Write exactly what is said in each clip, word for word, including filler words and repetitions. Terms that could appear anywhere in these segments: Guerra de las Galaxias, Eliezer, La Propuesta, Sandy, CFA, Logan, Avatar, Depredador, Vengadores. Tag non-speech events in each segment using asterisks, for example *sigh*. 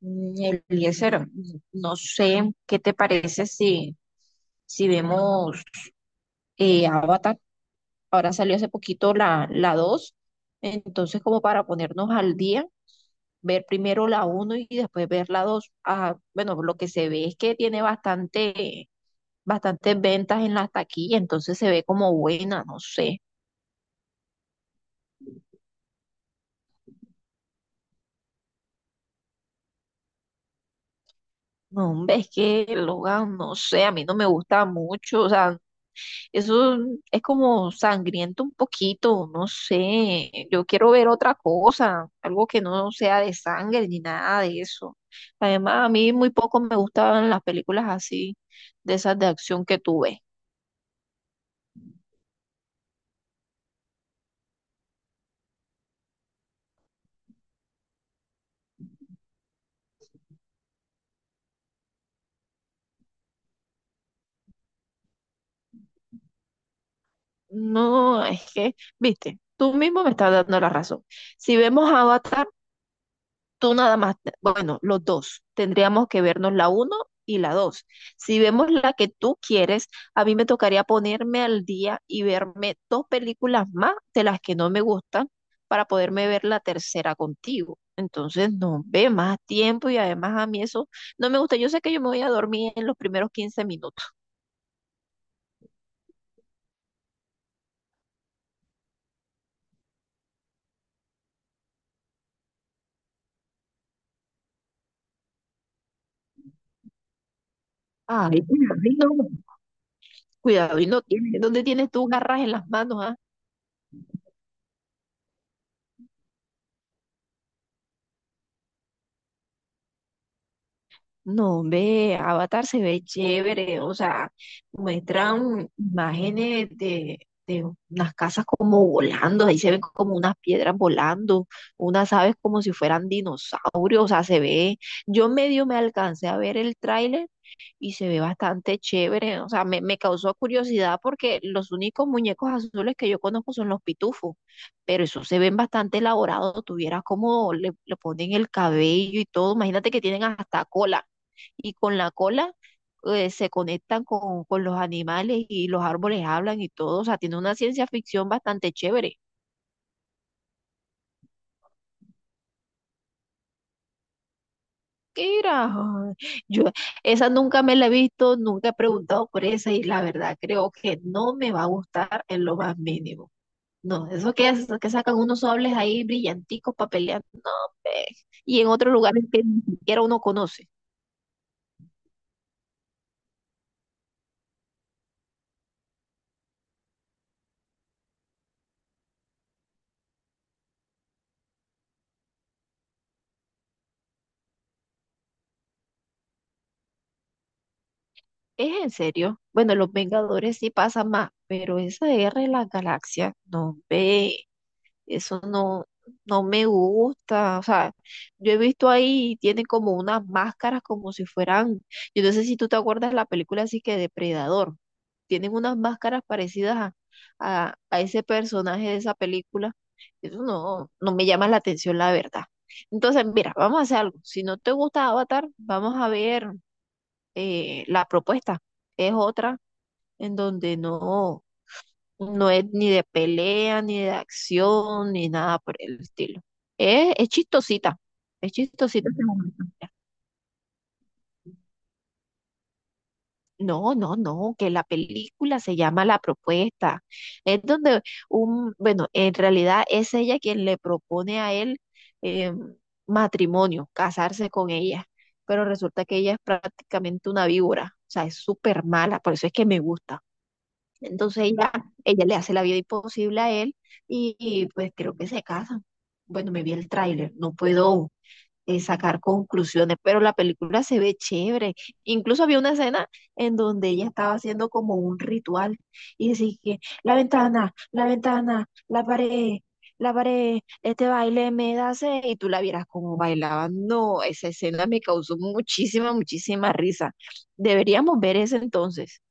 Mm, Eliezer, no sé qué te parece si, si vemos eh, Avatar. Ahora salió hace poquito la, la dos. Entonces, como para ponernos al día, ver primero la uno y después ver la dos. Ah, bueno, lo que se ve es que tiene bastante, bastantes ventas en la taquilla, entonces se ve como buena, no sé. No, hombre, es que Logan, no sé, a mí no me gusta mucho, o sea, eso es como sangriento un poquito, no sé. Yo quiero ver otra cosa, algo que no sea de sangre ni nada de eso. Además, a mí muy poco me gustaban las películas así, de esas de acción que tú ves. No, es que, viste, tú mismo me estás dando la razón. Si vemos Avatar, tú nada más, bueno, los dos, tendríamos que vernos la uno y la dos. Si vemos la que tú quieres, a mí me tocaría ponerme al día y verme dos películas más de las que no me gustan para poderme ver la tercera contigo. Entonces, no ve más tiempo y además a mí eso no me gusta. Yo sé que yo me voy a dormir en los primeros quince minutos. Ay, cuidado y no cuidado y no tienes. ¿Dónde tienes tú garras en las manos, ah? No, hombre, Avatar se ve chévere, o sea, muestran imágenes de, de unas casas como volando, ahí se ven como unas piedras volando, unas aves como si fueran dinosaurios, o sea, se ve, yo medio me alcancé a ver el tráiler y se ve bastante chévere, o sea, me, me causó curiosidad porque los únicos muñecos azules que yo conozco son los pitufos, pero esos se ven bastante elaborados, tuvieras como le, le ponen el cabello y todo, imagínate que tienen hasta cola y con la cola eh, se conectan con, con los animales y los árboles hablan y todo. O sea, tiene una ciencia ficción bastante chévere. Mira, ay, yo esa nunca me la he visto, nunca he preguntado por esa y la verdad creo que no me va a gustar en lo más mínimo. No, eso que, es- que sacan unos sables ahí brillanticos para pelear, no, hombre. Y en otros lugares que ni siquiera uno conoce. Es en serio. Bueno, los Vengadores sí pasan más, pero esa de Guerra de las Galaxias, no, ve. Eso no, no me gusta. O sea, yo he visto ahí, tienen como unas máscaras como si fueran, yo no sé si tú te acuerdas la película así que Depredador. Tienen unas máscaras parecidas a, a, a ese personaje de esa película. Eso no, no me llama la atención, la verdad. Entonces, mira, vamos a hacer algo. Si no te gusta Avatar, vamos a ver eh, la propuesta. Es otra en donde no. No es ni de pelea, ni de acción, ni nada por el estilo. Es, es chistosita, es chistosita. No, no, no, que la película se llama La Propuesta. Es donde un, bueno, en realidad es ella quien le propone a él eh, matrimonio, casarse con ella, pero resulta que ella es prácticamente una víbora, o sea, es súper mala, por eso es que me gusta. Entonces ella, ella le hace la vida imposible a él y, y, pues creo que se casan. Bueno, me vi el tráiler, no puedo eh, sacar conclusiones, pero la película se ve chévere. Incluso había una escena en donde ella estaba haciendo como un ritual y decía que la ventana, la ventana, la pared, la pared, este baile me da sed y tú la vieras como bailaba. No, esa escena me causó muchísima, muchísima risa. Deberíamos ver ese entonces.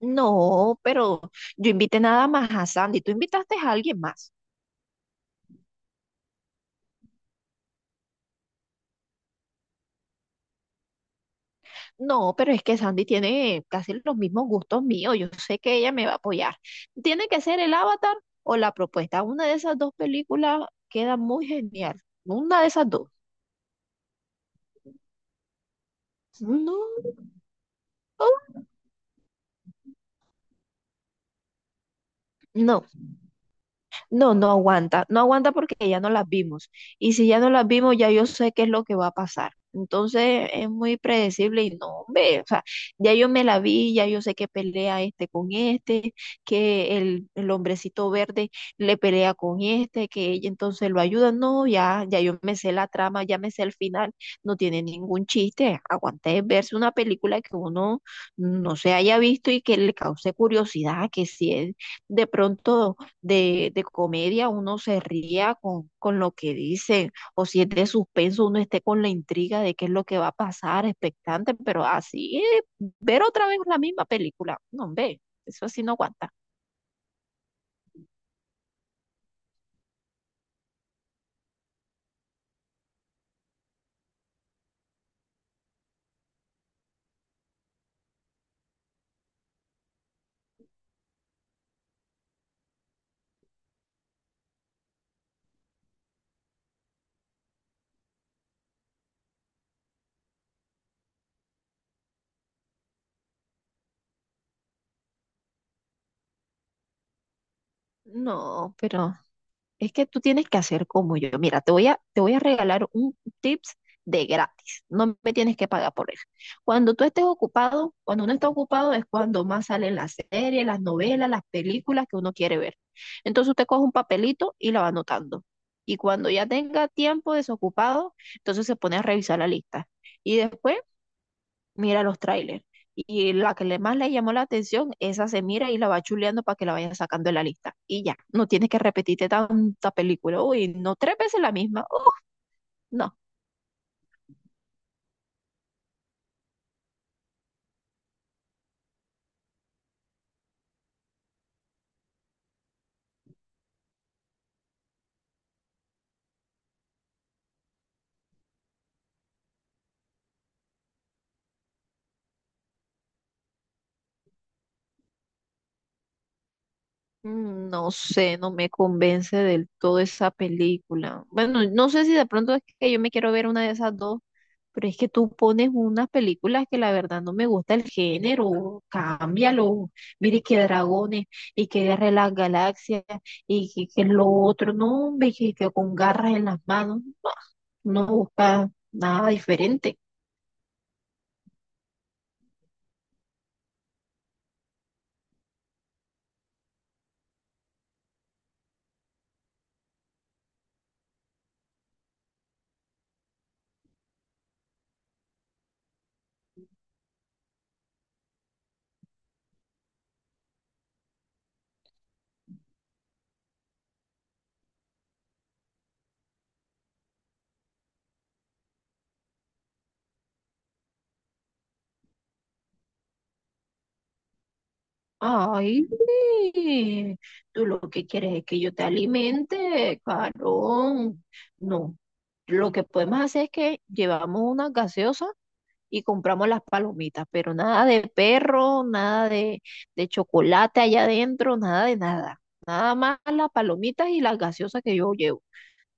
No, pero yo invité nada más a Sandy. Tú invitaste a alguien más. No, pero es que Sandy tiene casi los mismos gustos míos. Yo sé que ella me va a apoyar. Tiene que ser el Avatar o la propuesta. Una de esas dos películas queda muy genial. Una de esas dos. No, no. No, no aguanta, no aguanta porque ya no las vimos. Y si ya no las vimos, ya yo sé qué es lo que va a pasar. Entonces es muy predecible y no, hombre, o sea, ya yo me la vi, ya yo sé que pelea este con este, que el, el hombrecito verde le pelea con este, que ella entonces lo ayuda. No, ya, ya yo me sé la trama, ya me sé el final, no tiene ningún chiste. Aguante verse una película que uno no se haya visto y que le cause curiosidad, que si es de pronto de, de comedia, uno se ría con, con lo que dicen, o si es de suspenso, uno esté con la intriga de qué es lo que va a pasar, expectante, pero así, eh, ver otra vez la misma película, no, ve, eso así no aguanta. No, pero es que tú tienes que hacer como yo. Mira, te voy a, te voy a regalar un tips de gratis. No me tienes que pagar por él. Cuando tú estés ocupado, cuando uno está ocupado es cuando más salen las series, las novelas, las películas que uno quiere ver. Entonces usted coge un papelito y la va anotando. Y cuando ya tenga tiempo desocupado, entonces se pone a revisar la lista. Y después mira los trailers. Y la que le más le llamó la atención, esa se mira y la va chuleando para que la vaya sacando de la lista. Y ya, no tienes que repetirte tanta película. Uy, no tres veces la misma. Uh, no. Mm, no sé, no me convence del todo esa película. Bueno, no sé si de pronto es que yo me quiero ver una de esas dos. Pero es que tú pones unas películas que la verdad no me gusta el género, cámbialo. Mire que dragones y que guerra de las galaxias y que, que lo otro, no, hombre, que, que con garras en las manos, no, no busca nada diferente. Ay, sí, tú lo que quieres es que yo te alimente, carón. No, lo que podemos hacer es que llevamos una gaseosa y compramos las palomitas, pero nada de perro, nada de, de chocolate allá adentro, nada de nada. Nada más las palomitas y las gaseosas que yo llevo.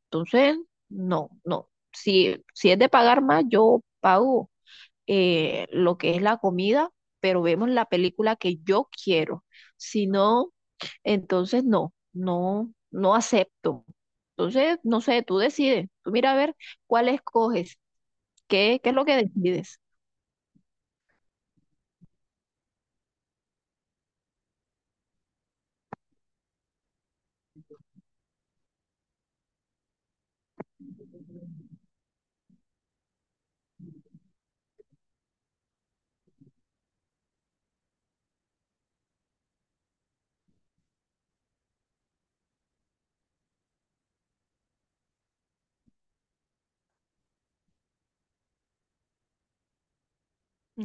Entonces, no, no. Si, si es de pagar más, yo pago eh, lo que es la comida, pero vemos la película que yo quiero. Si no, entonces no, no, no acepto. Entonces, no sé, tú decides. Tú mira a ver cuál escoges, qué, qué es lo que decides.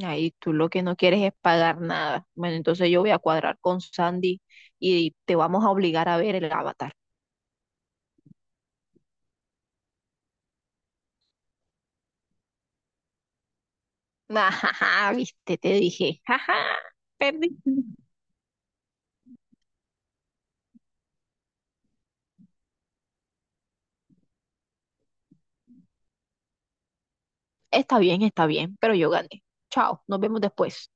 Ahí tú lo que no quieres es pagar nada. Bueno, entonces yo voy a cuadrar con Sandy y te vamos a obligar a ver el Avatar. *laughs* Ajá, viste, te dije. Ajá, perdí. *laughs* Está bien, está bien, pero yo gané. Chao, nos vemos después.